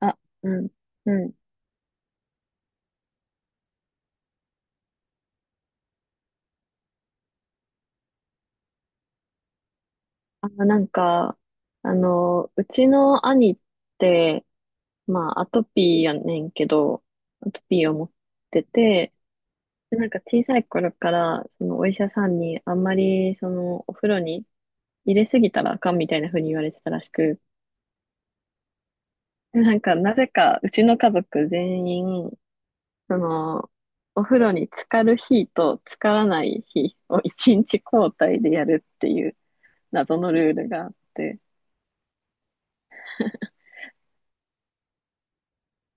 あ、うん、うん。あ、なんか、あの、うちの兄って、まあ、アトピーやねんけど、アトピーを持ってて、でなんか小さい頃から、そのお医者さんにあんまり、その、お風呂に入れすぎたらあかんみたいな風に言われてたらしく、でなんか、なぜか、うちの家族全員、その、お風呂に浸かる日と浸からない日を一日交代でやるっていう謎のルールがあって、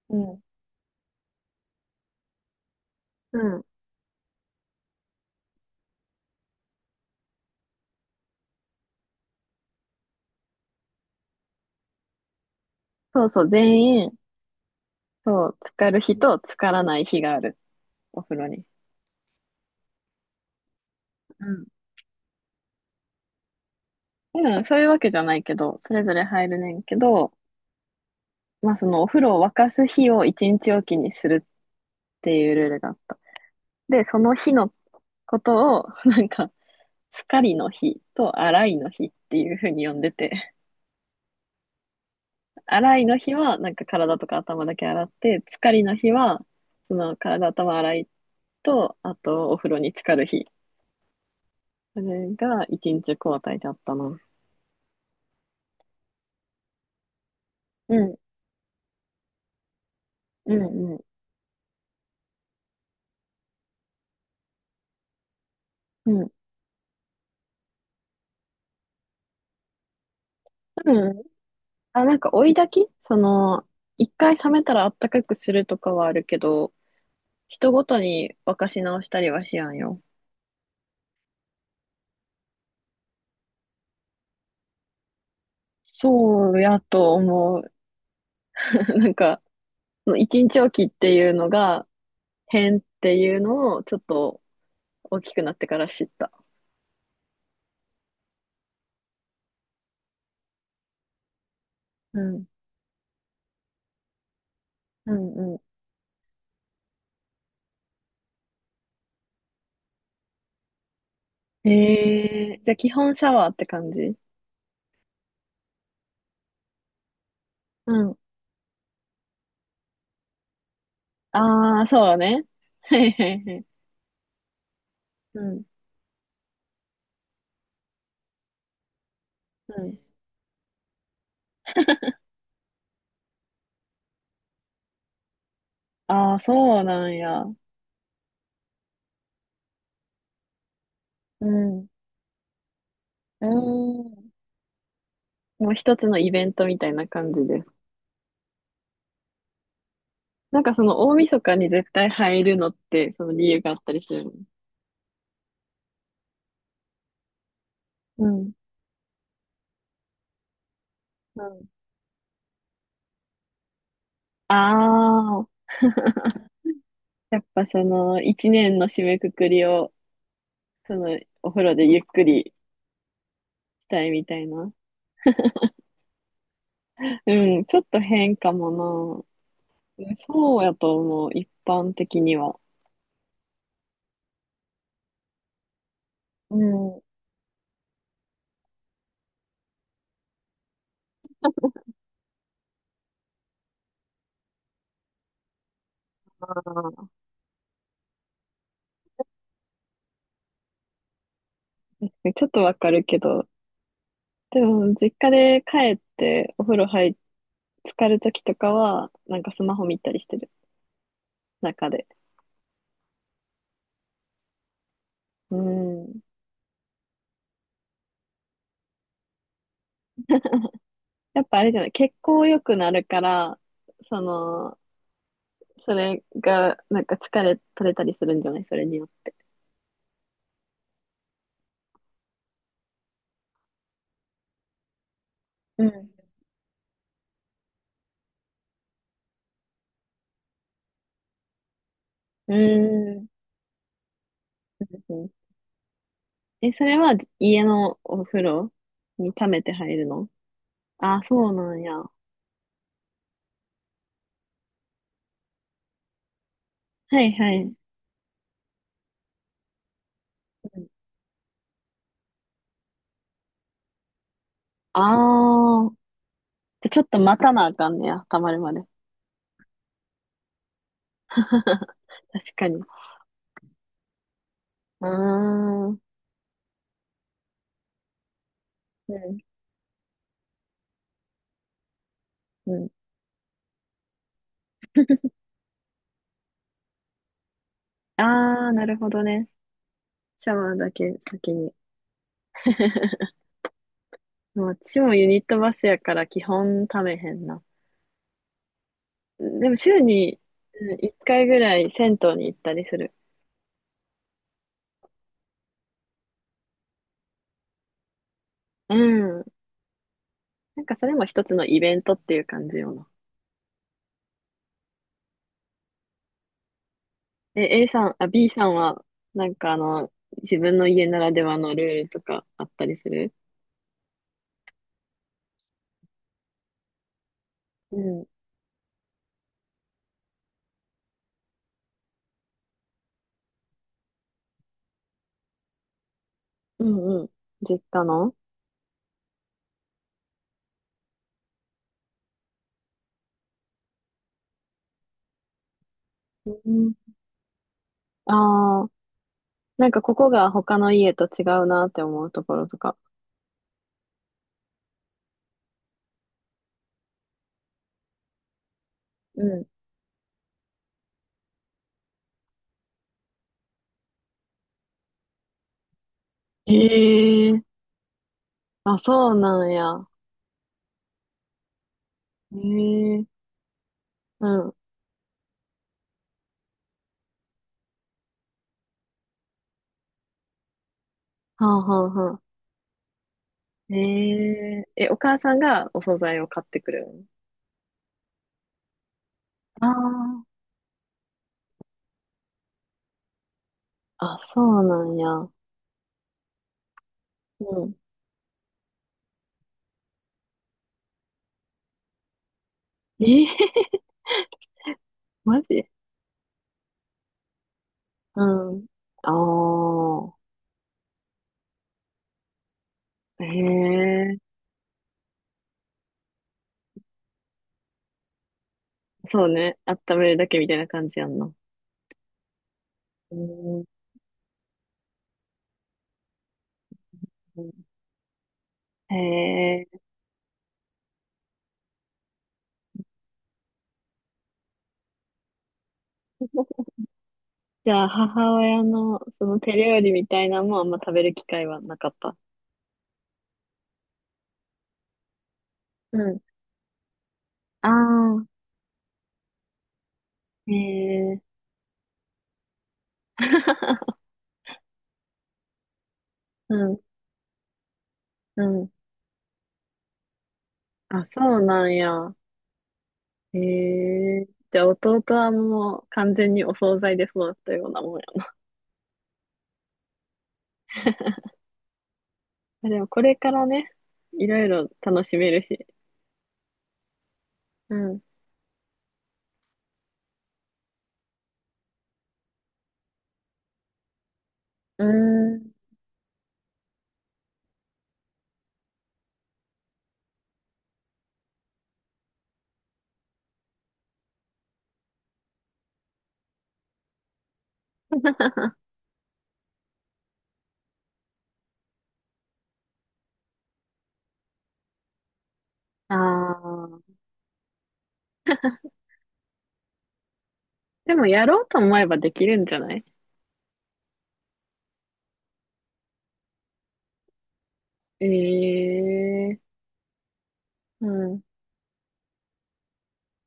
うん。うんそうそう、全員、そう、浸かる日と浸からない日がある、お風呂に。うん。うん、そういうわけじゃないけど、それぞれ入るねんけど、まあそのお風呂を沸かす日を一日おきにするっていうルールがあった。で、その日のことを、なんか、浸かりの日と洗いの日っていうふうに呼んでて、洗いの日はなんか体とか頭だけ洗って、浸かりの日は、その体、頭洗いと、あとお風呂に浸かる日。それが一日交代だったな。うんうんうん。うん。多分、あ、なんか追い炊きその、一回冷めたらあったかくするとかはあるけど、人ごとに沸かし直したりはしやんよ。そうやと思う。なんか、その一日おきっていうのが変っていうのをちょっと大きくなってから知った。うん。うんうん。えー、じゃあ基本シャワーって感じ。うん。ああ、そうだね。はいはいはい。うん。うん。ああ、そうなんや。うん。うん。もう一つのイベントみたいな感じです。なんかその大晦日に絶対入るのって、その理由があったりするの。うん。うん。ああ、やっぱその一年の締めくくりを、そのお風呂でゆっくりしたいみたいな。うん、ちょっと変かもな。うんそうやと思う、一般的には。うん。あー、ちょっとわかるけど、でも実家で帰ってお風呂入っ、浸かるときとかは、なんかスマホ見たりしてる、中で。うん。やっぱあれじゃない、血行良くなるから、その、それが、なんか疲れ取れたりするんじゃない、それによって。うん。うーん。え、それは家のお風呂に溜めて入るの。あ、そうなんや。はいはい。ああー。じゃ、ちょっと待たなあかんねや、溜まるまで。確かに。ああ。うん。うん。ああ、なるほどね。シャワーだけ先に。まあ私もユニットバスやから基本ためへんな。でも週にうん1回ぐらい銭湯に行ったりする。うん。なんかそれも一つのイベントっていう感じよな。え、A さん、あ、B さんは、なんかあの、自分の家ならではのルールとかあったりする。うん。うんうん。実家の。うん。ああ、なんかここが他の家と違うなって思うところとか。うん。ええ、あ、そうなんや。ええ、うん。はあはあはあ。えええ、お母さんがお惣菜を買ってくるん。ああ、あ、そうなんや。うん。ええ マジ。うん。ああ、ええ、そうね。温めるだけみたいな感じやんな。うん。へえ。じゃあ、母親のその手料理みたいなのもあんま食べる機会はなかった。うん。ああ、へえ、うん、うん。あ、そうなんや。へえ、じゃあ弟はもう完全にお惣菜で育ったようなもんやな。でもこれからね、いろいろ楽しめるし。うん。うーん。ああ。でもやろうと思えばできるんじゃない。ええ、うん。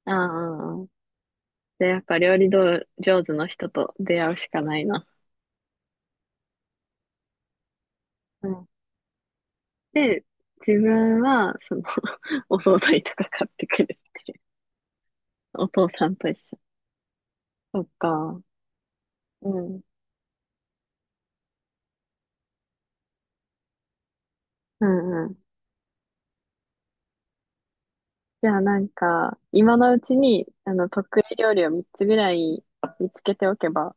ああ。で、やっぱ料理道上手の人と出会うしかないな。うん。で、自分は、その お惣菜とか買ってくるっていう。お父さんと一緒。そっか。うん。うんうん。じゃあなんか、今のうちに、あの、得意料理を3つぐらい見つけておけば、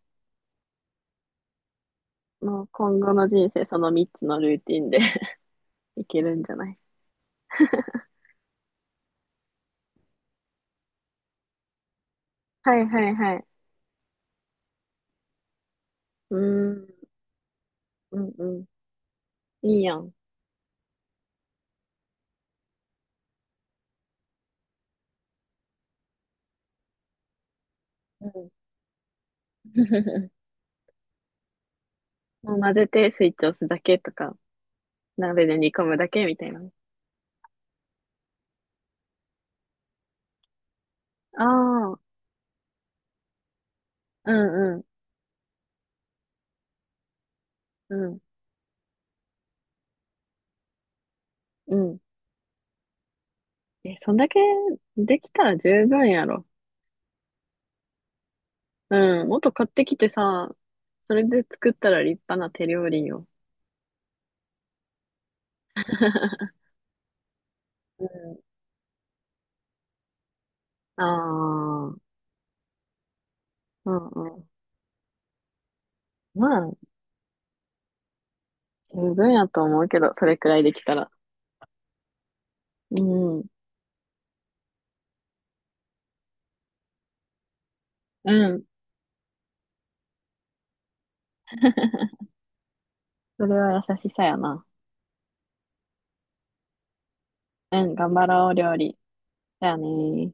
もう今後の人生その3つのルーティンで いけるんじゃない。はいはいはい。うーん、うんうん。いいやん。うん。もう混ぜてスイッチ押すだけとか、鍋で煮込むだけみたいな。ああ、うんうん、うん、うん。え、そんだけできたら十分やろ。うん、もっと買ってきてさ、それで作ったら立派な手料理よ。うん、ああ、うんうん。まあ、十分やと思うけど、それくらいできたら。うん、うん。それは優しさやな。うん、頑張ろう、料理。じゃあねー。